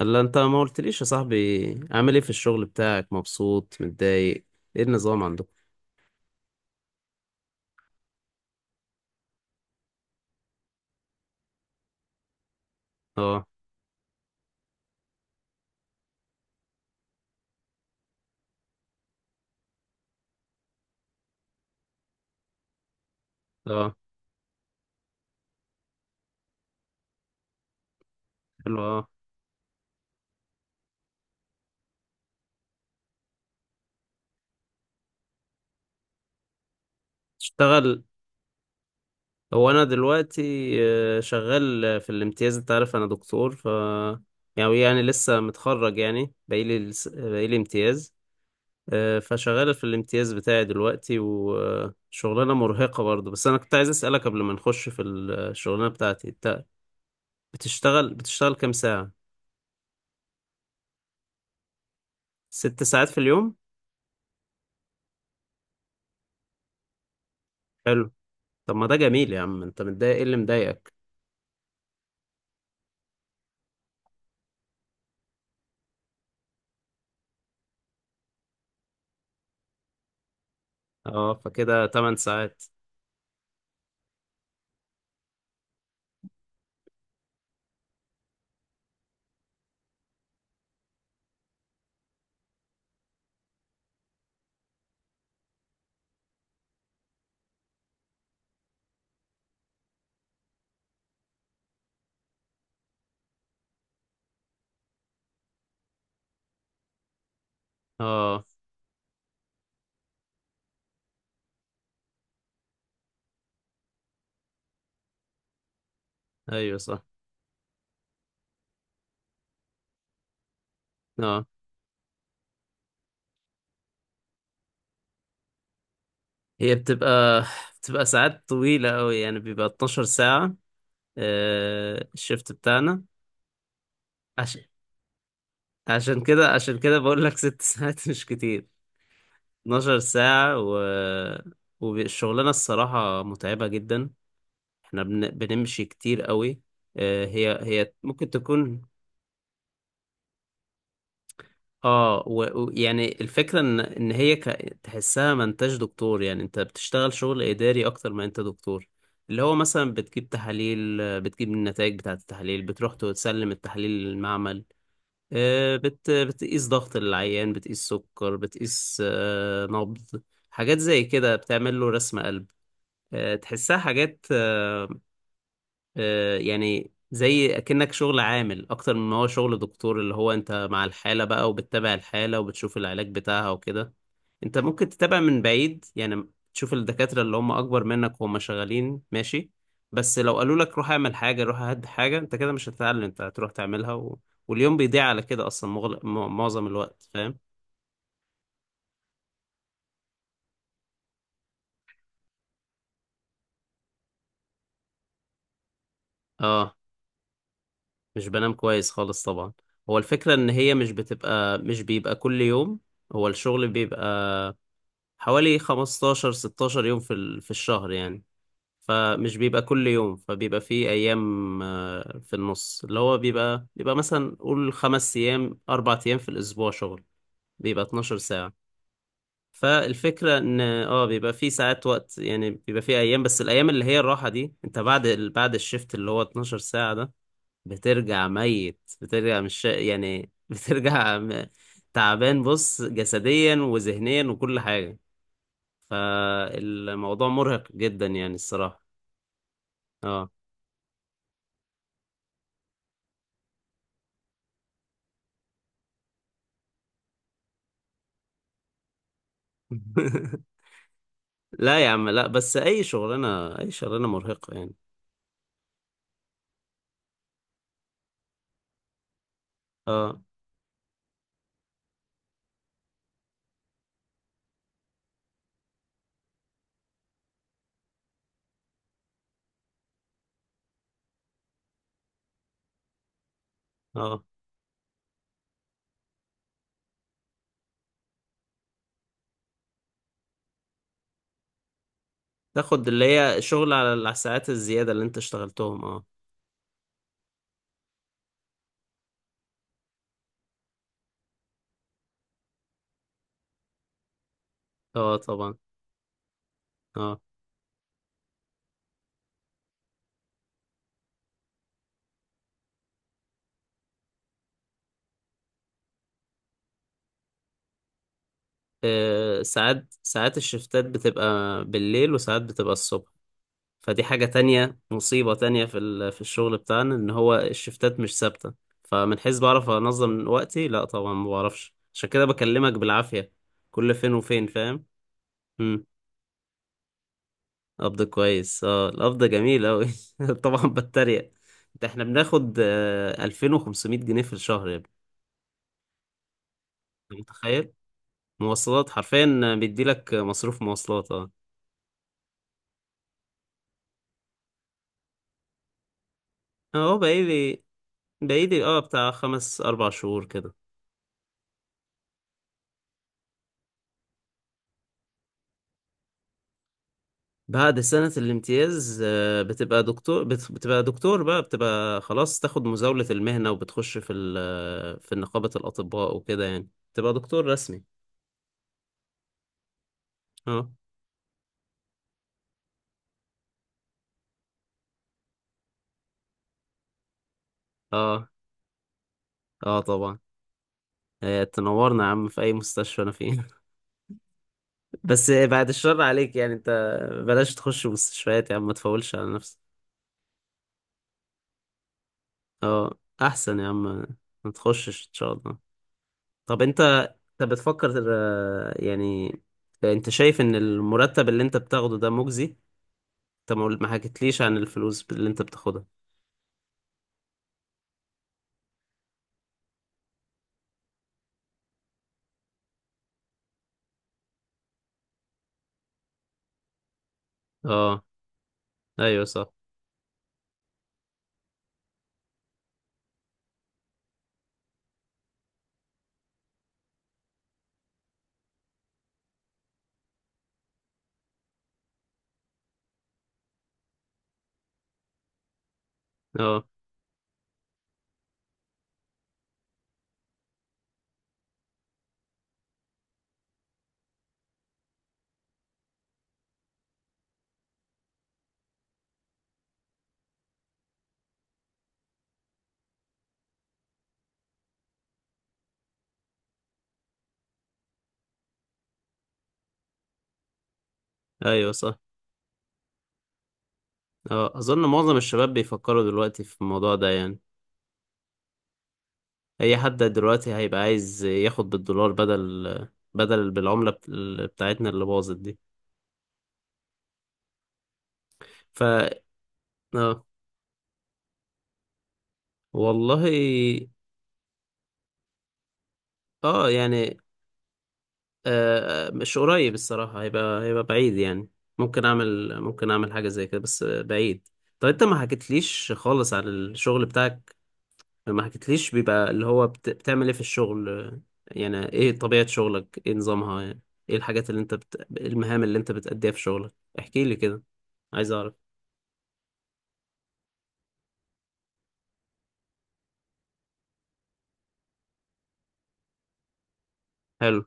الا انت ما قلتليش يا صاحبي. عامل ايه في الشغل بتاعك؟ مبسوط متضايق؟ ايه النظام عندكم؟ اه. اه. حلو، اه. تشتغل؟ هو انا دلوقتي شغال في الامتياز. انت عارف انا دكتور ف يعني لسه متخرج يعني، بقيلي امتياز. فشغال في الامتياز بتاعي دلوقتي، وشغلانة مرهقة برضه. بس انا كنت عايز اسألك قبل ما نخش في الشغلانة بتاعتي انت، بتشتغل كام ساعة؟ ست ساعات في اليوم؟ حلو. طب ما ده جميل يا عم. انت متضايق؟ ايه اللي مضايقك؟ اه، فكده 8 ساعات. اه. ايوه صح. اه. هي بتبقى ساعات طويلة قوي، يعني بيبقى 12 ساعة. الشفت بتاعنا. عشان عشان كده بقول لك ست ساعات مش كتير. 12 ساعة، والشغلانة الصراحة متعبة جدا. احنا بنمشي كتير قوي. هي ممكن تكون. اه، ويعني الفكرة ان هي تحسها ما انتش دكتور، يعني انت بتشتغل شغل اداري اكتر ما انت دكتور. اللي هو مثلا بتجيب تحاليل، بتجيب النتائج بتاعة التحاليل، بتروح تسلم التحاليل للمعمل. بتقيس ضغط العيان، بتقيس سكر، بتقيس نبض، حاجات زي كده. بتعمل له رسم قلب. تحسها حاجات. يعني زي اكنك شغل عامل اكتر من ما هو شغل دكتور. اللي هو انت مع الحالة بقى، وبتتابع الحالة وبتشوف العلاج بتاعها وكده. انت ممكن تتابع من بعيد، يعني تشوف الدكاترة اللي هم اكبر منك وهم شغالين ماشي. بس لو قالوا لك روح اعمل حاجة، روح هد حاجة، انت كده مش هتتعلم. انت هتروح تعملها واليوم بيضيع على كده اصلا، معظم الوقت، فاهم؟ اه. مش بنام كويس خالص طبعا. هو الفكرة ان هي مش بتبقى، مش بيبقى كل يوم. هو الشغل بيبقى حوالي 15 16 يوم في في الشهر يعني. فمش بيبقى كل يوم، فبيبقى في ايام، في النص اللي هو بيبقى مثلا، قول خمس ايام اربع ايام في الاسبوع شغل، بيبقى 12 ساعة. فالفكرة ان بيبقى في ساعات وقت، يعني بيبقى في ايام، بس الايام اللي هي الراحة دي، انت بعد بعد الشفت اللي هو 12 ساعة ده بترجع ميت، بترجع مش يعني تعبان. بص جسديا وذهنيا وكل حاجة. فالموضوع مرهق جدا يعني الصراحة. اه. لا يا عم، لا، بس اي شغلانة، اي شغلانة مرهقة يعني. اه. اه. تاخد اللي هي شغل على الساعات الزيادة اللي انت اشتغلتهم، اه. اه طبعا. اه. ساعات الشفتات بتبقى بالليل، وساعات بتبقى الصبح. فدي حاجة تانية، مصيبة تانية في في الشغل بتاعنا، ان هو الشفتات مش ثابتة. فمن حيث بعرف انظم وقتي، لا طبعا، ما بعرفش. عشان كده بكلمك بالعافية كل فين وفين، فاهم؟ امم. قبض كويس؟ اه، القبض جميل اوي. طبعا بتريق. ده احنا بناخد 2500 جنيه في الشهر يا ابني. انت متخيل؟ مواصلات حرفيا بيديلك مصروف مواصلات، اه. اهو بقالي، بقالي اه بتاع خمس اربع شهور كده. بعد سنة الامتياز بتبقى دكتور. بتبقى دكتور بقى، بتبقى خلاص. تاخد مزاولة المهنة وبتخش في في نقابة الأطباء وكده يعني. تبقى دكتور رسمي. اه. اه. اه طبعا. تنورنا يا عم في اي مستشفى انا فيه. بس بعد الشر عليك يعني. انت بلاش تخش مستشفيات يا عم، ما تفولش على نفسك. اه، احسن يا عم. ما تخشش ان شاء الله. طب انت، انت بتفكر يعني، انت شايف ان المرتب اللي انت بتاخده ده مجزي؟ انت ما حكيتليش عن الفلوس اللي انت بتاخدها. اه. ايوه صح. اه. ايوه صح. اه، اظن معظم الشباب بيفكروا دلوقتي في الموضوع ده يعني. اي حد دلوقتي هيبقى عايز ياخد بالدولار، بدل، بدل بالعملة بتاعتنا اللي باظت دي. ف. اه. والله. اه يعني. آه، مش قريب الصراحة. هيبقى، هيبقى بعيد يعني. ممكن اعمل، ممكن اعمل حاجة زي كده بس بعيد. طب انت ما حكيتليش خالص عن الشغل بتاعك. ما حكيتليش بيبقى اللي هو بتعمل ايه في الشغل؟ يعني ايه طبيعة شغلك؟ ايه نظامها يعني؟ ايه الحاجات اللي انت المهام اللي انت بتأديها في شغلك؟ احكيلي كده. عايز اعرف. حلو،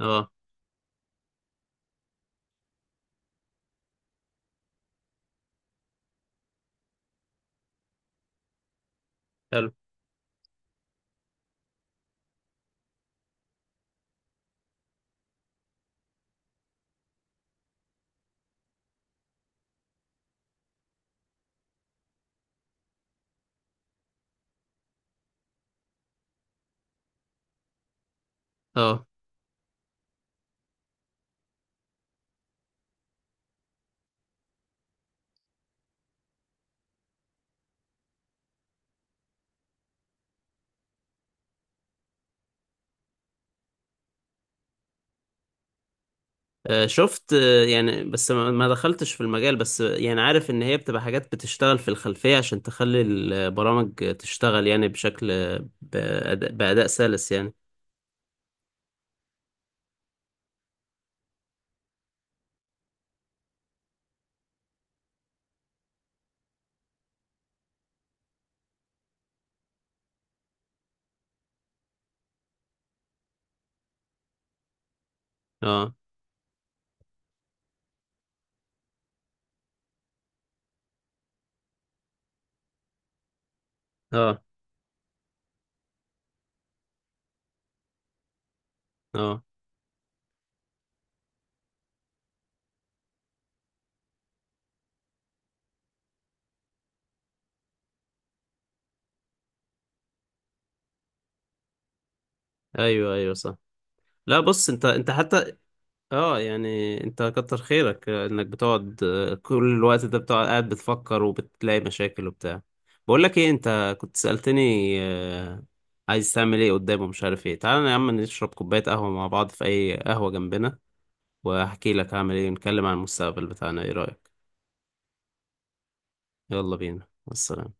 اه. حلو، اه. شفت، يعني، بس ما دخلتش في المجال. بس يعني عارف ان هي بتبقى حاجات بتشتغل في الخلفية عشان تخلي البرامج تشتغل يعني بشكل بأداء, بأداء سلس يعني. اه. اه. اه. ايوه، ايوه، صح. لا، بص انت حتى. اه، يعني انت كتر خيرك انك بتقعد، كل الوقت ده بتقعد قاعد بتفكر وبتلاقي مشاكل وبتاع. بقول لك ايه، انت كنت سألتني آه، عايز تعمل ايه قدام ومش عارف ايه. تعالى يا عم نشرب كوباية قهوة مع بعض في اي قهوة جنبنا، واحكي لك هعمل ايه ونتكلم عن المستقبل بتاعنا، ايه رأيك؟ يلا بينا والسلام.